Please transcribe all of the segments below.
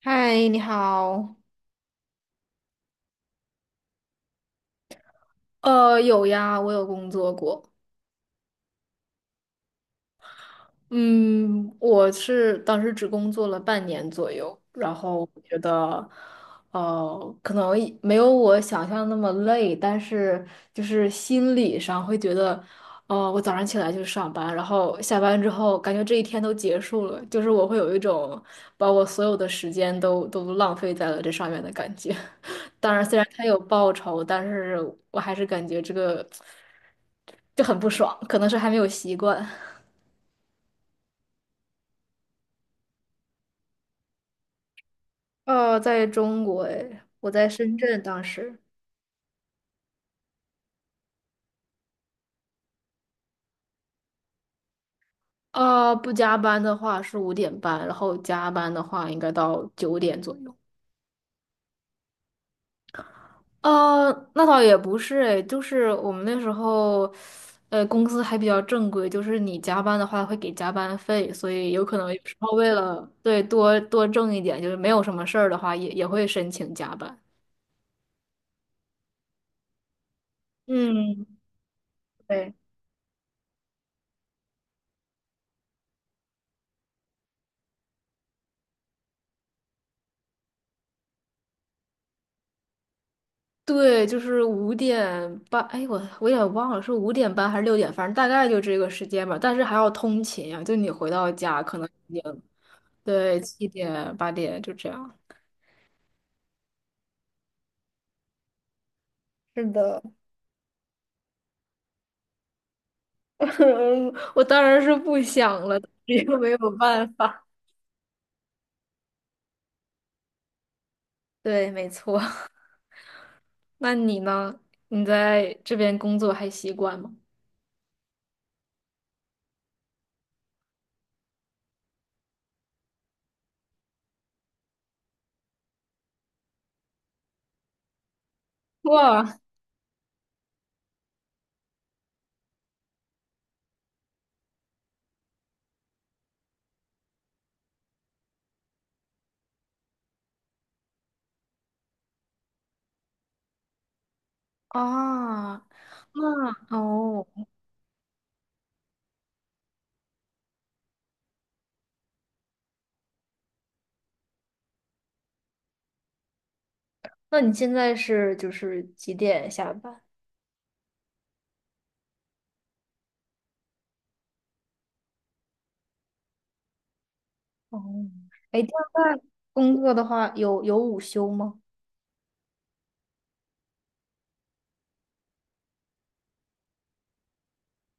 嗨，你好。有呀，我有工作过。嗯，我是当时只工作了半年左右，然后我觉得，可能一没有我想象那么累，但是就是心理上会觉得，我早上起来就上班，然后下班之后感觉这一天都结束了，就是我会有一种把我所有的时间都浪费在了这上面的感觉。当然，虽然他有报酬，但是我还是感觉这个就很不爽，可能是还没有习惯。在中国诶，我在深圳当时。啊、不加班的话是五点半，然后加班的话应该到9点左右。呃，那倒也不是诶，就是我们那时候，公司还比较正规，就是你加班的话会给加班费，所以有可能有时候为了对多多挣一点，就是没有什么事儿的话，也会申请加班。嗯，对对，就是五点半，哎，我也忘了是五点半还是6点，反正大概就这个时间吧。但是还要通勤啊，就你回到家可能已经对7点8点就这样。是的，我当然是不想了，但是又没有办法。对，没错。那你呢？你在这边工作还习惯吗？哇啊，那哦，那你现在是就是几点下班？哦，哎，这样在工作的话，有午休吗？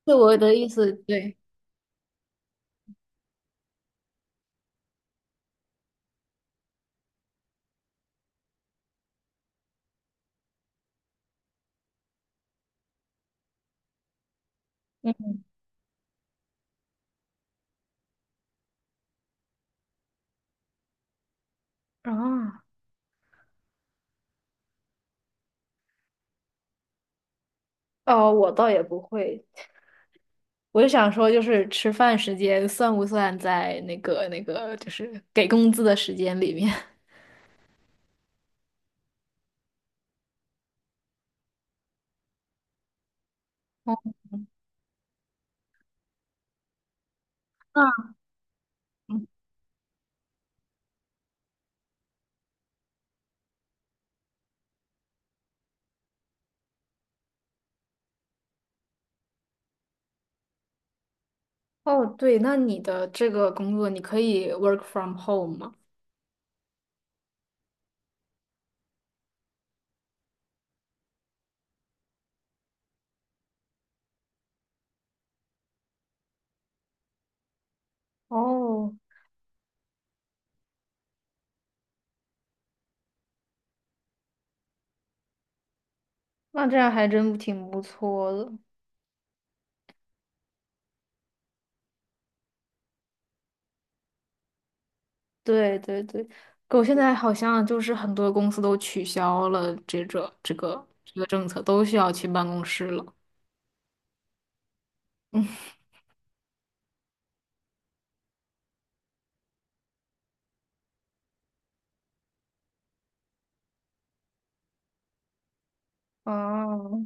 对我的意思，对。嗯啊，哦，我倒也不会，我就想说，就是吃饭时间算不算在那个，就是给工资的时间里面？哦，那哦，对，那你的这个工作，你可以 work from home 吗？哦，那这样还真挺不错的。对对对，狗现在好像就是很多公司都取消了这个政策，都需要去办公室了。哦，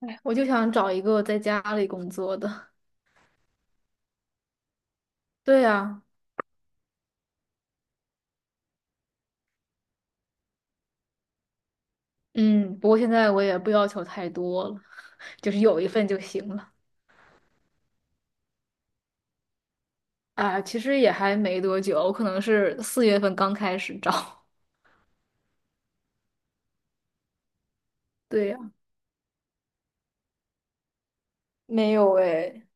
哎，我就想找一个在家里工作的。对呀，嗯，不过现在我也不要求太多了，就是有一份就行了。啊，其实也还没多久，我可能是4月份刚开始找。对呀，没有哎，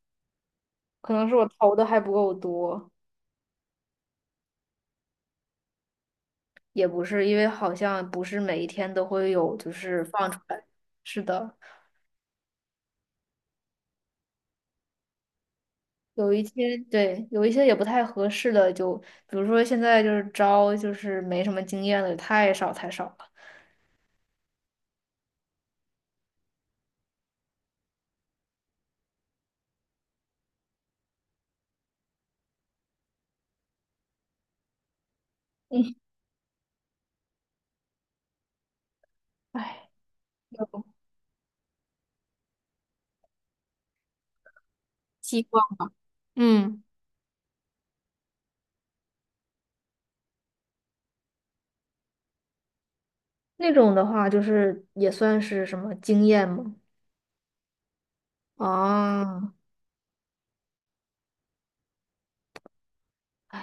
可能是我投的还不够多。也不是，因为好像不是每一天都会有，就是放出来。是的，有一些对，有一些也不太合适的，就比如说现在就是招，就是没什么经验的，太少太少了。嗯，唉，有希望，嗯，那种的话，就是也算是什么经验吗？啊，唉，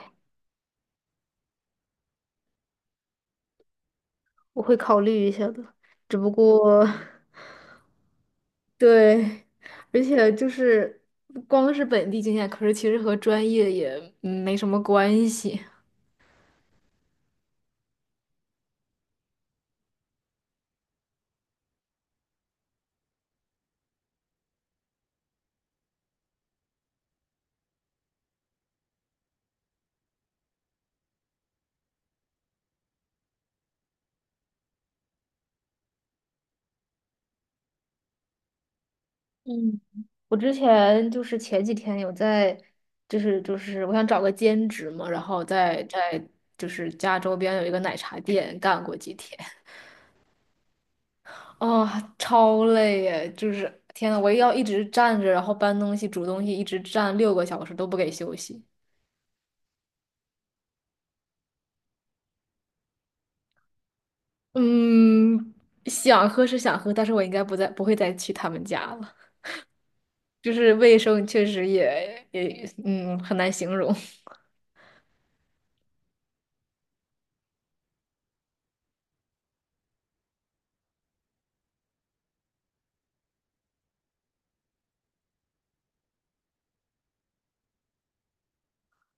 我会考虑一下的，只不过 对，而且就是不光是本地经验，可是其实和专业也没什么关系。嗯，我之前就是前几天有在，就是我想找个兼职嘛，然后在就是家周边有一个奶茶店干过几天，哦，超累耶！就是天呐，我要一直站着，然后搬东西、煮东西，一直站6个小时都不给休息。嗯，想喝是想喝，但是我应该不会再去他们家了。就是卫生确实也很难形容。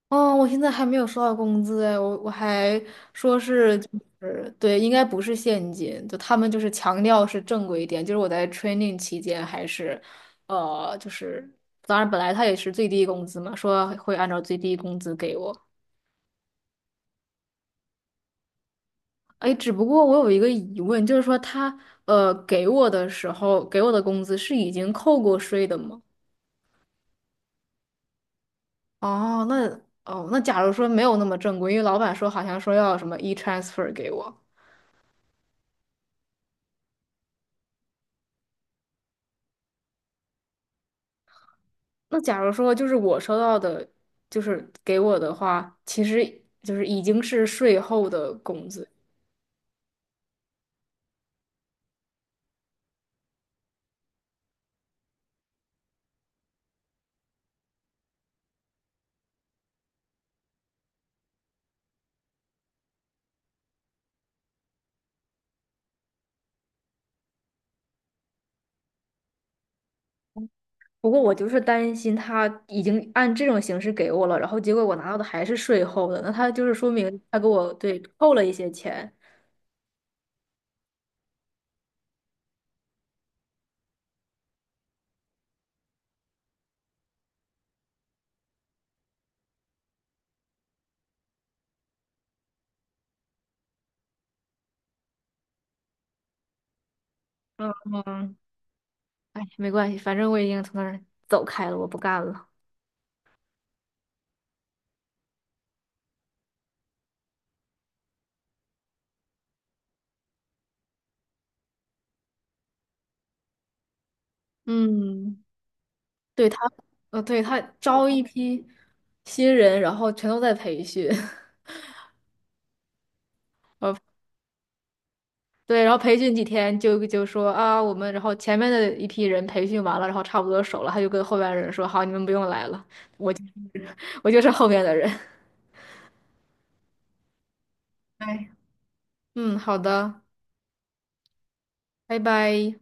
哦，我现在还没有收到工资哎，我还说是就是对，应该不是现金，就他们就是强调是正规一点。就是我在 training 期间还是，就是当然本来他也是最低工资嘛，说会按照最低工资给我。哎，只不过我有一个疑问，就是说他给我的时候给我的工资是已经扣过税的吗？哦，那哦，那假如说没有那么正规，因为老板说好像说要什么 e-transfer 给我，那假如说就是我收到的，就是给我的话，其实就是已经是税后的工资。不过我就是担心他已经按这种形式给我了，然后结果我拿到的还是税后的，那他就是说明他给我对扣了一些钱。嗯嗯，哎，没关系，反正我已经从那儿走开了，我不干了。嗯。对他，呃，对他招一批新人，然后全都在培训，呃，对，然后培训几天就说啊，我们然后前面的一批人培训完了，然后差不多熟了，他就跟后边的人说，好，你们不用来了，我就是后面的人。对，嗯，好的，拜拜。